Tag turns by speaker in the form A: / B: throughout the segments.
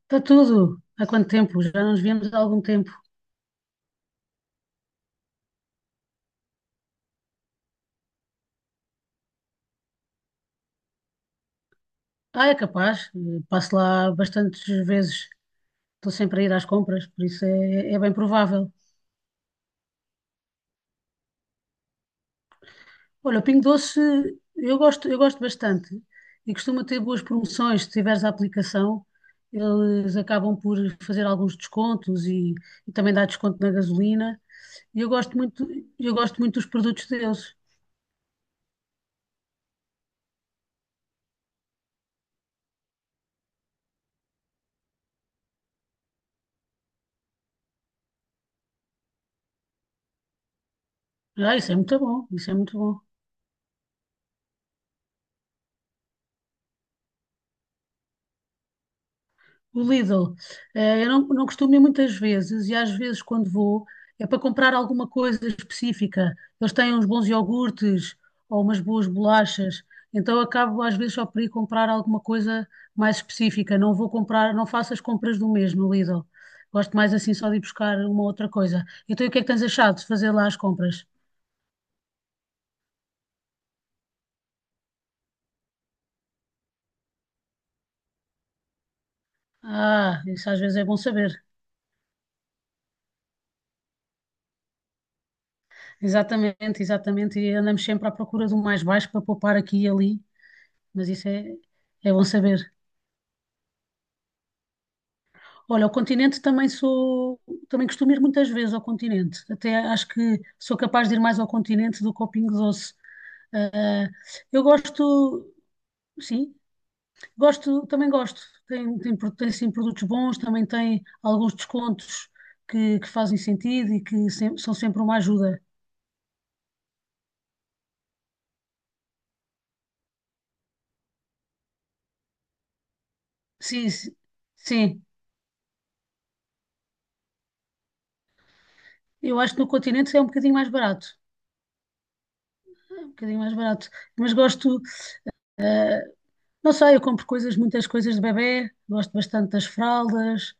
A: Está tudo. Há quanto tempo? Já não nos víamos há algum tempo. Ah, é capaz. Passo lá bastantes vezes. Estou sempre a ir às compras, por isso é bem provável. Olha, o Pingo Doce eu gosto bastante e costuma ter boas promoções. Se tiveres a aplicação, eles acabam por fazer alguns descontos e também dá desconto na gasolina. E eu gosto muito dos produtos deles. Ah, isso é muito bom, isso é muito bom. O Lidl. Eu não, não costumo ir muitas vezes e às vezes quando vou é para comprar alguma coisa específica. Eles têm uns bons iogurtes ou umas boas bolachas. Então eu acabo às vezes só por ir comprar alguma coisa mais específica. Não faço as compras do mesmo Lidl. Gosto mais assim só de ir buscar uma outra coisa. Então e o que é que tens achado de fazer lá as compras? Ah, isso às vezes é bom saber. Exatamente, exatamente. E andamos sempre à procura do mais baixo para poupar aqui e ali. Mas é bom saber. Olha, ao continente também também costumo ir muitas vezes ao continente. Até acho que sou capaz de ir mais ao continente do que ao Pingo Doce. Ah, eu gosto, sim, gosto, também gosto. Tem sim produtos bons, também tem alguns descontos que fazem sentido e que são sempre uma ajuda. Sim, sim, sim. Eu acho que no continente é um bocadinho mais barato. É um bocadinho mais barato. Mas gosto. ah, Não sei, eu compro muitas coisas de bebé, gosto bastante das fraldas,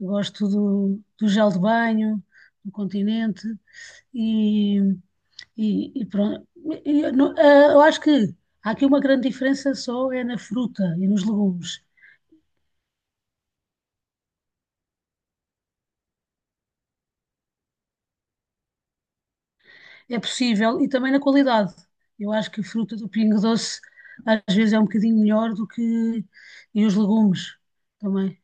A: gosto do gel de banho, do continente e, e pronto. E eu não- ah, eu acho que há aqui uma grande diferença só é na fruta e nos legumes. É possível e também na qualidade. Eu acho que a fruta do Pingo Doce às vezes é um bocadinho melhor do que e os legumes também.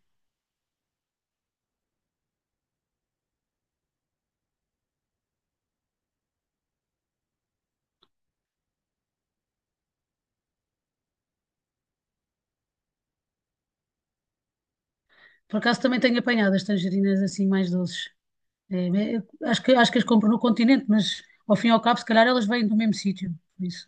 A: Por acaso também tenho apanhado as tangerinas assim mais doces. É, é, acho que as compro no continente, mas ao fim e ao cabo, se calhar elas vêm do mesmo sítio. Por isso,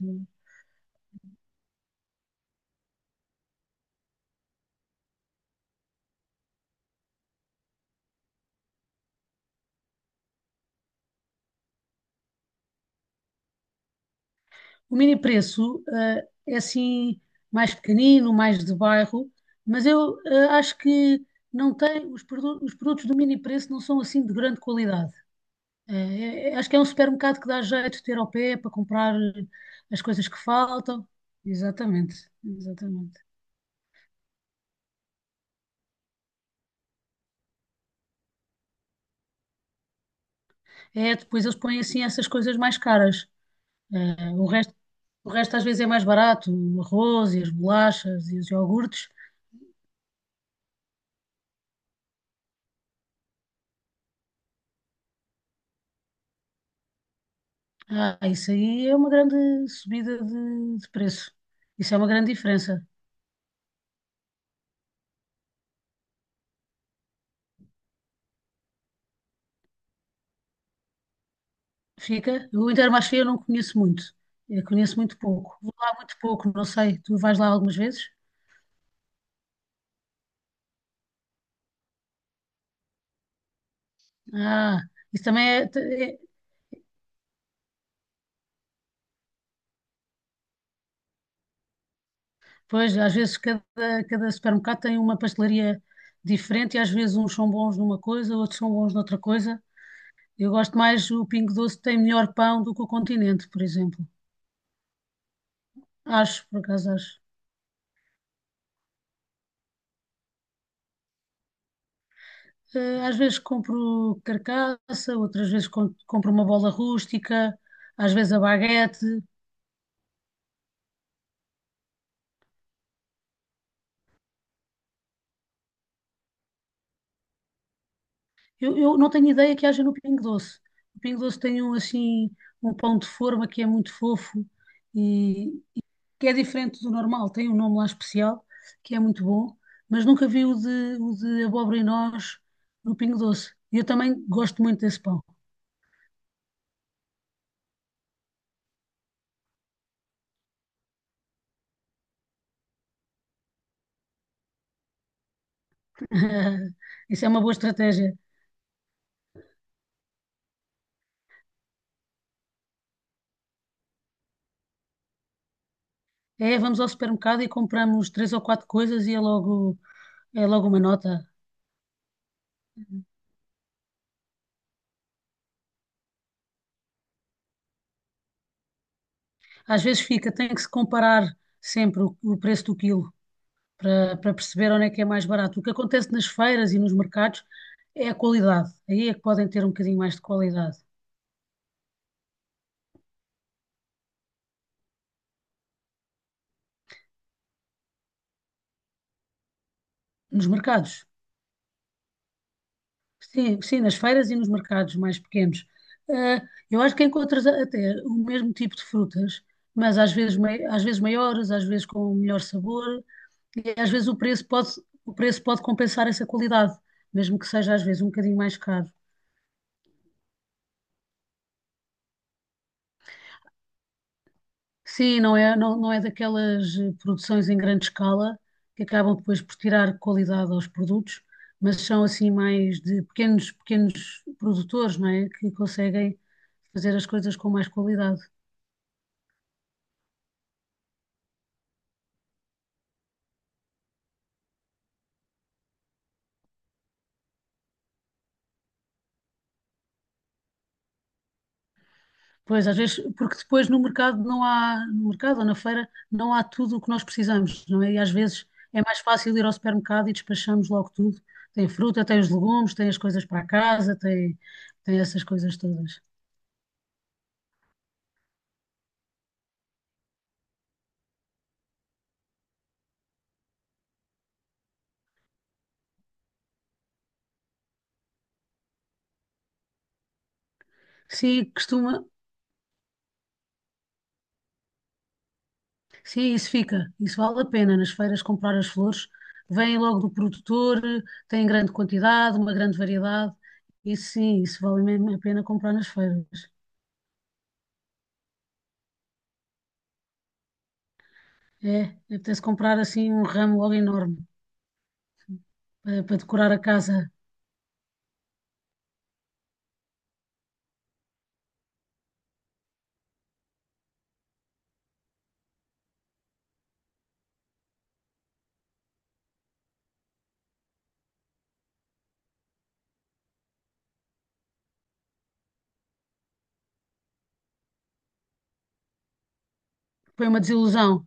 A: o mini preço, é assim mais pequenino, mais de bairro, mas acho que não tem, os produtos do mini preço não são assim de grande qualidade. Eh, acho que é um supermercado que dá jeito de ter ao pé para comprar as coisas que faltam. Exatamente, exatamente. É, depois eles põem assim essas coisas mais caras. Ah, o resto às vezes é mais barato, o arroz e as bolachas e os iogurtes. Ah, isso aí é uma grande subida de preço. Isso é uma grande diferença. Fica. O Intermarché eu não conheço muito. Eu conheço muito pouco. Vou lá muito pouco, não sei. Tu vais lá algumas vezes? Ah, isso também é. é- pois, às vezes cada supermercado tem uma pastelaria diferente e às vezes uns são bons numa coisa, outros são bons noutra coisa. Eu gosto mais, o Pingo Doce tem melhor pão do que o Continente, por exemplo. Acho, por acaso acho. Às vezes compro carcaça, compro uma bola rústica, às vezes a baguete. Eu não tenho ideia que haja no Pingo Doce. O Pingo Doce tem um, assim, um pão de forma que é muito fofo e que é diferente do normal. Tem um nome lá especial, que é muito bom, mas nunca vi o de abóbora e nós no Pingo Doce. E eu também gosto muito desse pão. Isso é uma boa estratégia. É, vamos ao supermercado e compramos três ou quatro coisas e é é logo uma nota. Às vezes fica, tem que se comparar sempre o preço do quilo para perceber onde é que é mais barato. O que acontece nas feiras e nos mercados é a qualidade. Aí é que podem ter um bocadinho mais de qualidade. Nos mercados. Sim, sim, nas feiras e nos mercados mais pequenos. Ah, eu acho que até o mesmo tipo de frutas, mas às às vezes maiores, às vezes com melhor sabor, e às vezes o preço pode compensar essa qualidade, mesmo que seja às vezes um bocadinho mais caro. Sim, não é, não, não é daquelas produções em grande escala que acabam depois por tirar qualidade aos produtos, mas são assim mais de pequenos, pequenos produtores, não é? Que conseguem fazer as coisas com mais qualidade. Pois, às vezes, porque depois no mercado não há, no mercado ou na feira, não há tudo o que nós precisamos, não é? E às vezes é mais fácil ir ao supermercado e despachamos logo tudo. Tem fruta, tem os legumes, tem as coisas para a casa, tem essas coisas todas. Sim, costuma, sim, isso fica, isso vale a pena nas feiras comprar as flores, vêm logo do produtor, têm grande quantidade, uma grande variedade, isso sim, isso vale mesmo a pena comprar nas feiras. É, apetece comprar assim um ramo logo enorme. Para decorar a casa. Foi uma desilusão.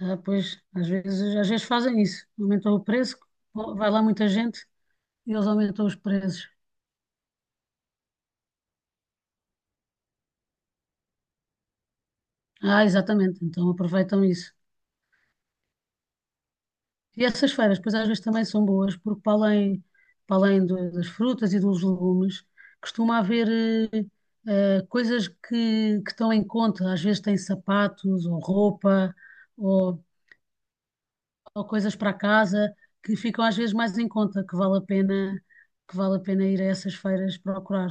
A: Ah, pois, às vezes fazem isso. Aumentam o preço, vai lá muita gente e eles aumentam os preços. Ah, exatamente. Então aproveitam isso. E essas feiras, pois às vezes também são boas, porque para além das frutas e dos legumes, costuma haver coisas que estão em conta. Às vezes tem sapatos ou roupa, ou ou coisas para casa que ficam às vezes mais em conta, que vale a pena, que vale a pena ir a essas feiras procurar.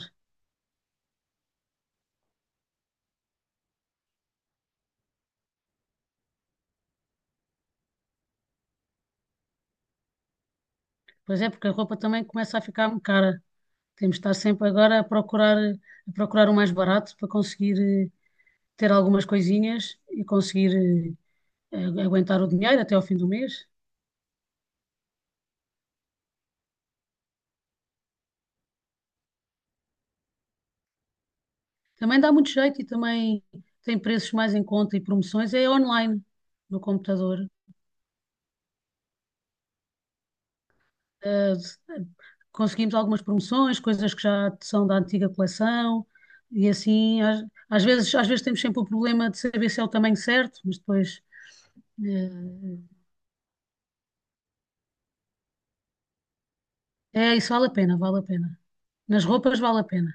A: Pois é, porque a roupa também começa a ficar cara. Temos de estar sempre agora a procurar o mais barato para conseguir ter algumas coisinhas e conseguir aguentar o dinheiro até ao fim do mês. Também dá muito jeito e também tem preços mais em conta e promoções. É online, no computador. eh, conseguimos algumas promoções, coisas que já são da antiga coleção, e assim, às vezes temos sempre o problema de saber se é o tamanho certo, mas depois, eh, é, isso vale a pena, vale a pena. Nas roupas vale a pena.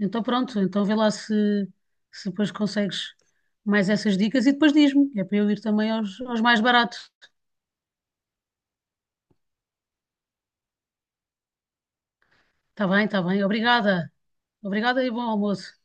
A: Então pronto, então vê lá se depois consegues mais essas dicas e depois diz-me, é para eu ir também aos, aos mais baratos. Está bem, obrigada. Obrigada e bom almoço.